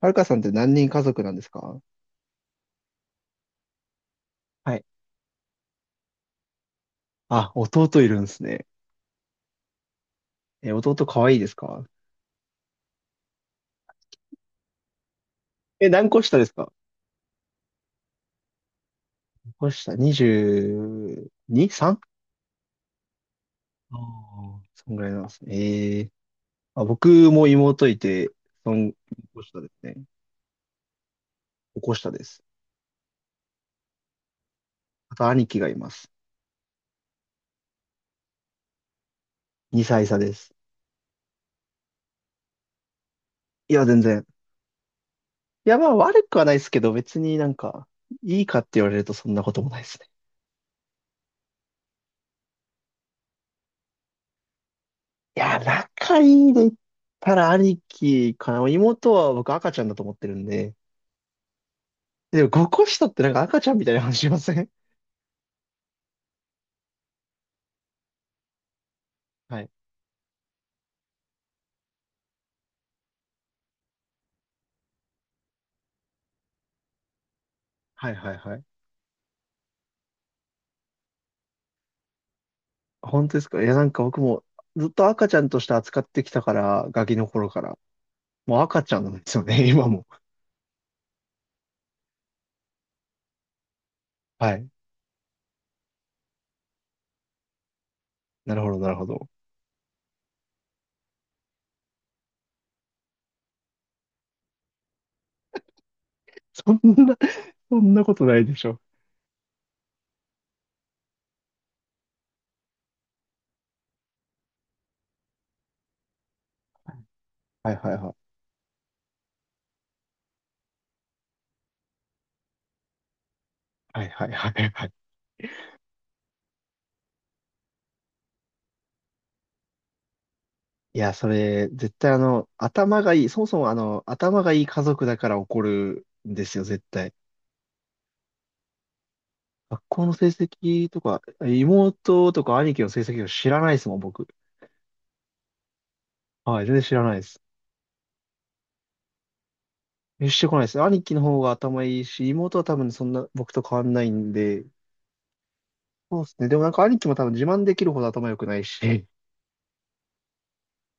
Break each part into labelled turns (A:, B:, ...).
A: はるかさんって何人家族なんですか？はい。あ、弟いるんですね。え、弟可愛いですか？え、何個下ですか？何個下 ?22?3? 3? ああー、そんぐらいなんですね。ええ。あ、僕も妹いて、そん、個下ですね。5個下です。あと兄貴がいます。2歳差です。いや、全然。いや、まあ悪くはないですけど、別になんか、いいかって言われるとそんなこともないですね。いや、仲いいで言ったら兄貴かな。妹は僕赤ちゃんだと思ってるんで、でも、5個下ってなんか赤ちゃんみたいな話しません？はい。はいはいはい。本当ですか？いや、なんか僕もずっと赤ちゃんとして扱ってきたから、ガキの頃から。もう赤ちゃんなんですよね、今も。はい。なるほど、なるほど。そんな、そんなことないでしょ。はいはいはい。はいはいはいはい。いや、それ、絶対頭がいい、そもそも頭がいい家族だから起こるんですよ、絶対。学校の成績とか、妹とか兄貴の成績を知らないですもん、僕。はい、全然知らないです。え、してこないですね。兄貴の方が頭いいし、妹は多分そんな僕と変わんないんで、そうですね。でもなんか兄貴も多分自慢できるほど頭良くないし、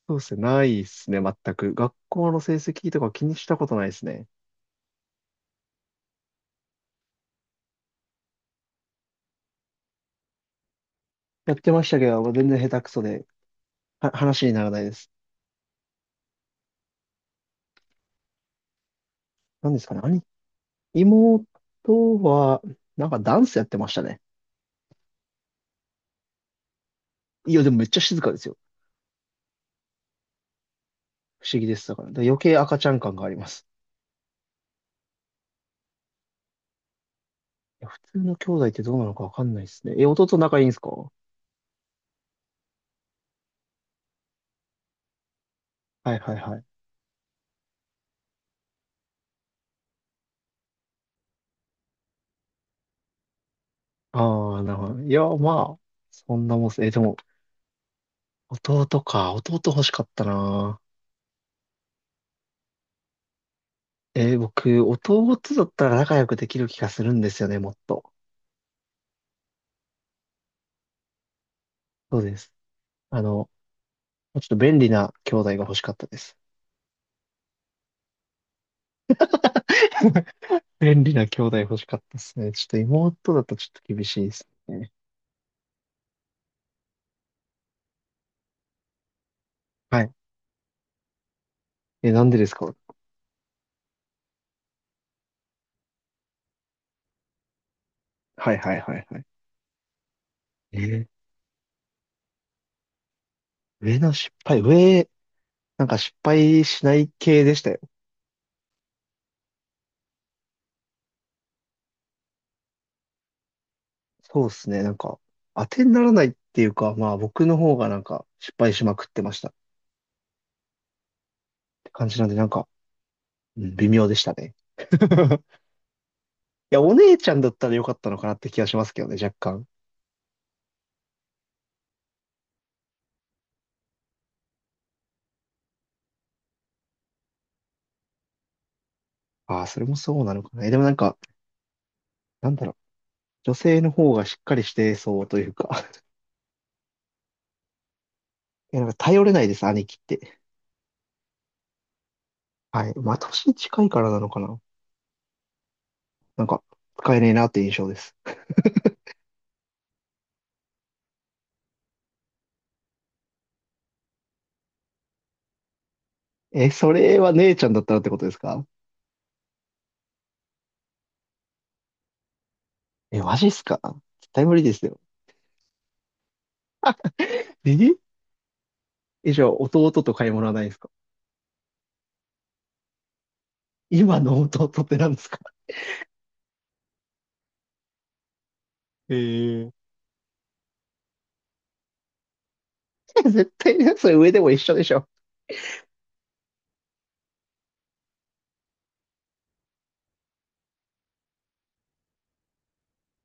A: そうですね。ないですね、全く。学校の成績とか気にしたことないですね。やってましたけど、全然下手くそで、話にならないです。なんですかね。妹は、なんかダンスやってましたね。いや、でもめっちゃ静かですよ。不思議です。だから余計赤ちゃん感があります。いや普通の兄弟ってどうなのかわかんないですね。え、弟仲いいんですか？はいはいはい。ああ、なるほど。いや、まあ、そんなもんっす。え、でも、弟か。弟欲しかったな。僕、弟だったら仲良くできる気がするんですよね、もっと。そうです。あの、ちょっと便利な兄弟が欲しかったです。便利な兄弟欲しかったですね。ちょっと妹だとちょっと厳しいですね。はい。え、なんでですか？はいはいはいはい。えー上の失敗、なんか失敗しない系でしたよ。そうですね。なんか、当てにならないっていうか、まあ僕の方がなんか失敗しまくってましたって感じなんで、なんか、うん、微妙でしたね。いや、お姉ちゃんだったらよかったのかなって気がしますけどね、若干。ああ、それもそうなのかな。え、でもなんか、なんだろう。女性の方がしっかりしてそうというか。いや、なんか頼れないです、兄貴って。はい。まあ、年近いからなのかな。なんか、使えねえなって印象です。え、それは姉ちゃんだったらってことですか？え、マジっすか？絶対無理ですよ。ええ、じゃあ、弟と買い物はないんですか？今の弟って何ですか？ええ。絶対ね、それ上でも一緒でしょ。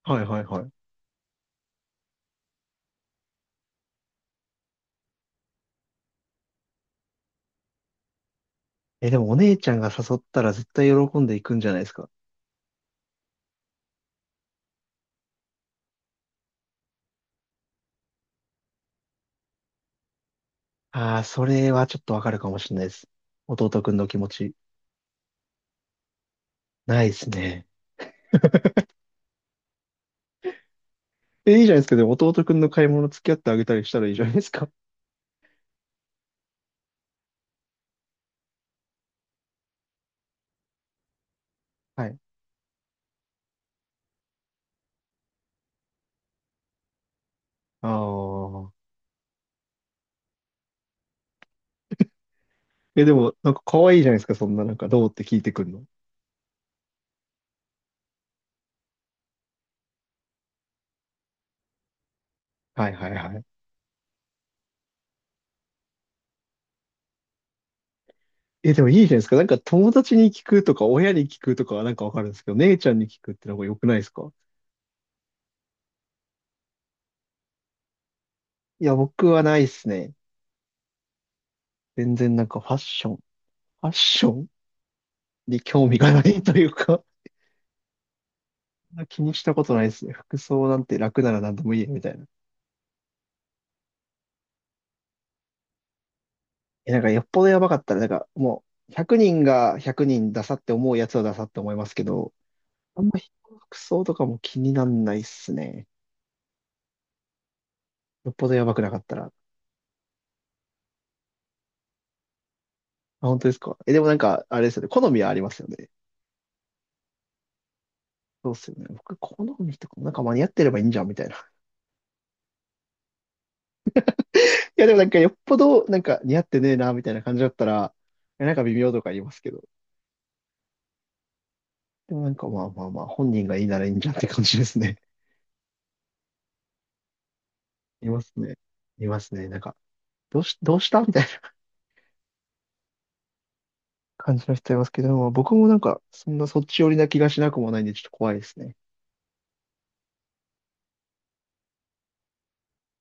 A: はいはいはい。え、でもお姉ちゃんが誘ったら絶対喜んでいくんじゃないですか。ああ、それはちょっとわかるかもしれないです。弟くんの気持ち。ないですね。え、いいじゃないですか。でも弟くんの買い物付き合ってあげたりしたらいいじゃないですか。はい。ああ。え、でも、なんか可愛いじゃないですか。そんな、なんか、どうって聞いてくるの。はいはいはい。え、でもいいじゃないですか。なんか友達に聞くとか、親に聞くとかはなんかわかるんですけど、姉ちゃんに聞くってのが良くないですか？いや、僕はないですね。全然なんかファッションに興味がないというか、そんな気にしたことないですね。服装なんて楽なら何でもいいや、みたいな。え、なんかよっぽどやばかったら、なんかもう、100人が100人ダサって思うやつはダサって思いますけど、あんま人の服装とかも気になんないっすね。よっぽどやばくなかったら。あ、本当ですか？え、でもなんか、あれですよね。好みはありますよね。そうっすよね。僕、好みとかもなんか間に合ってればいいんじゃん、みたいな。いや、でもなんかよっぽど、なんか似合ってねえな、みたいな感じだったら、いやなんか微妙とか言いますけど。でもなんかまあまあまあ、本人がいいならいいんじゃんって感じですね。いますね。いますね。なんか、どうしたみたいな感じの人いますけど、まあ僕もなんか、そんなそっち寄りな気がしなくもないんで、ちょっと怖いですね。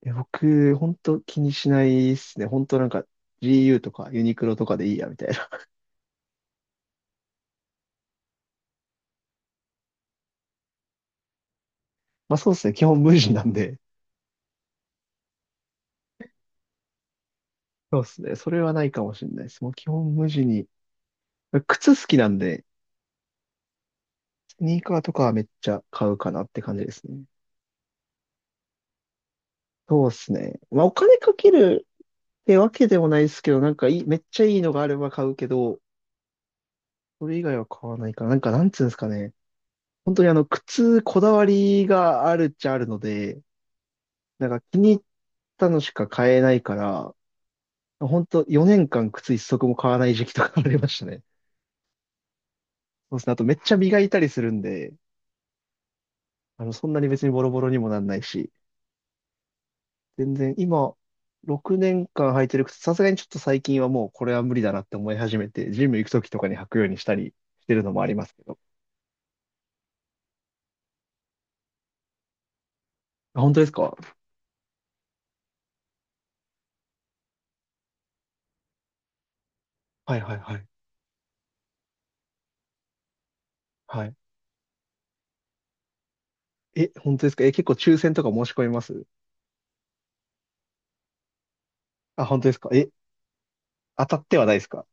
A: いや僕、ほんと気にしないっすね。ほんとなんか、GU とかユニクロとかでいいや、みたいな。まあそうですね。基本無地なんで。そうですね。それはないかもしれないです。もう基本無地に。靴好きなんで、スニーカーとかはめっちゃ買うかなって感じですね。そうですね。まあ、お金かけるってわけでもないですけど、なんかいい、めっちゃいいのがあれば買うけど、それ以外は買わないかななんか、なんつうんですかね。本当に靴、こだわりがあるっちゃあるので、なんか気に入ったのしか買えないから、本当4年間靴一足も買わない時期とかありましたね。そうですね。あとめっちゃ磨いたりするんで、そんなに別にボロボロにもなんないし、全然、今、6年間履いてる靴、さすがにちょっと最近はもうこれは無理だなって思い始めて、ジム行くときとかに履くようにしたりしてるのもありますけど。あ、本当ですか？はいはいはい。はい。え、本当ですか？え、結構抽選とか申し込みます？あ、本当ですか？え、当たってはないですか？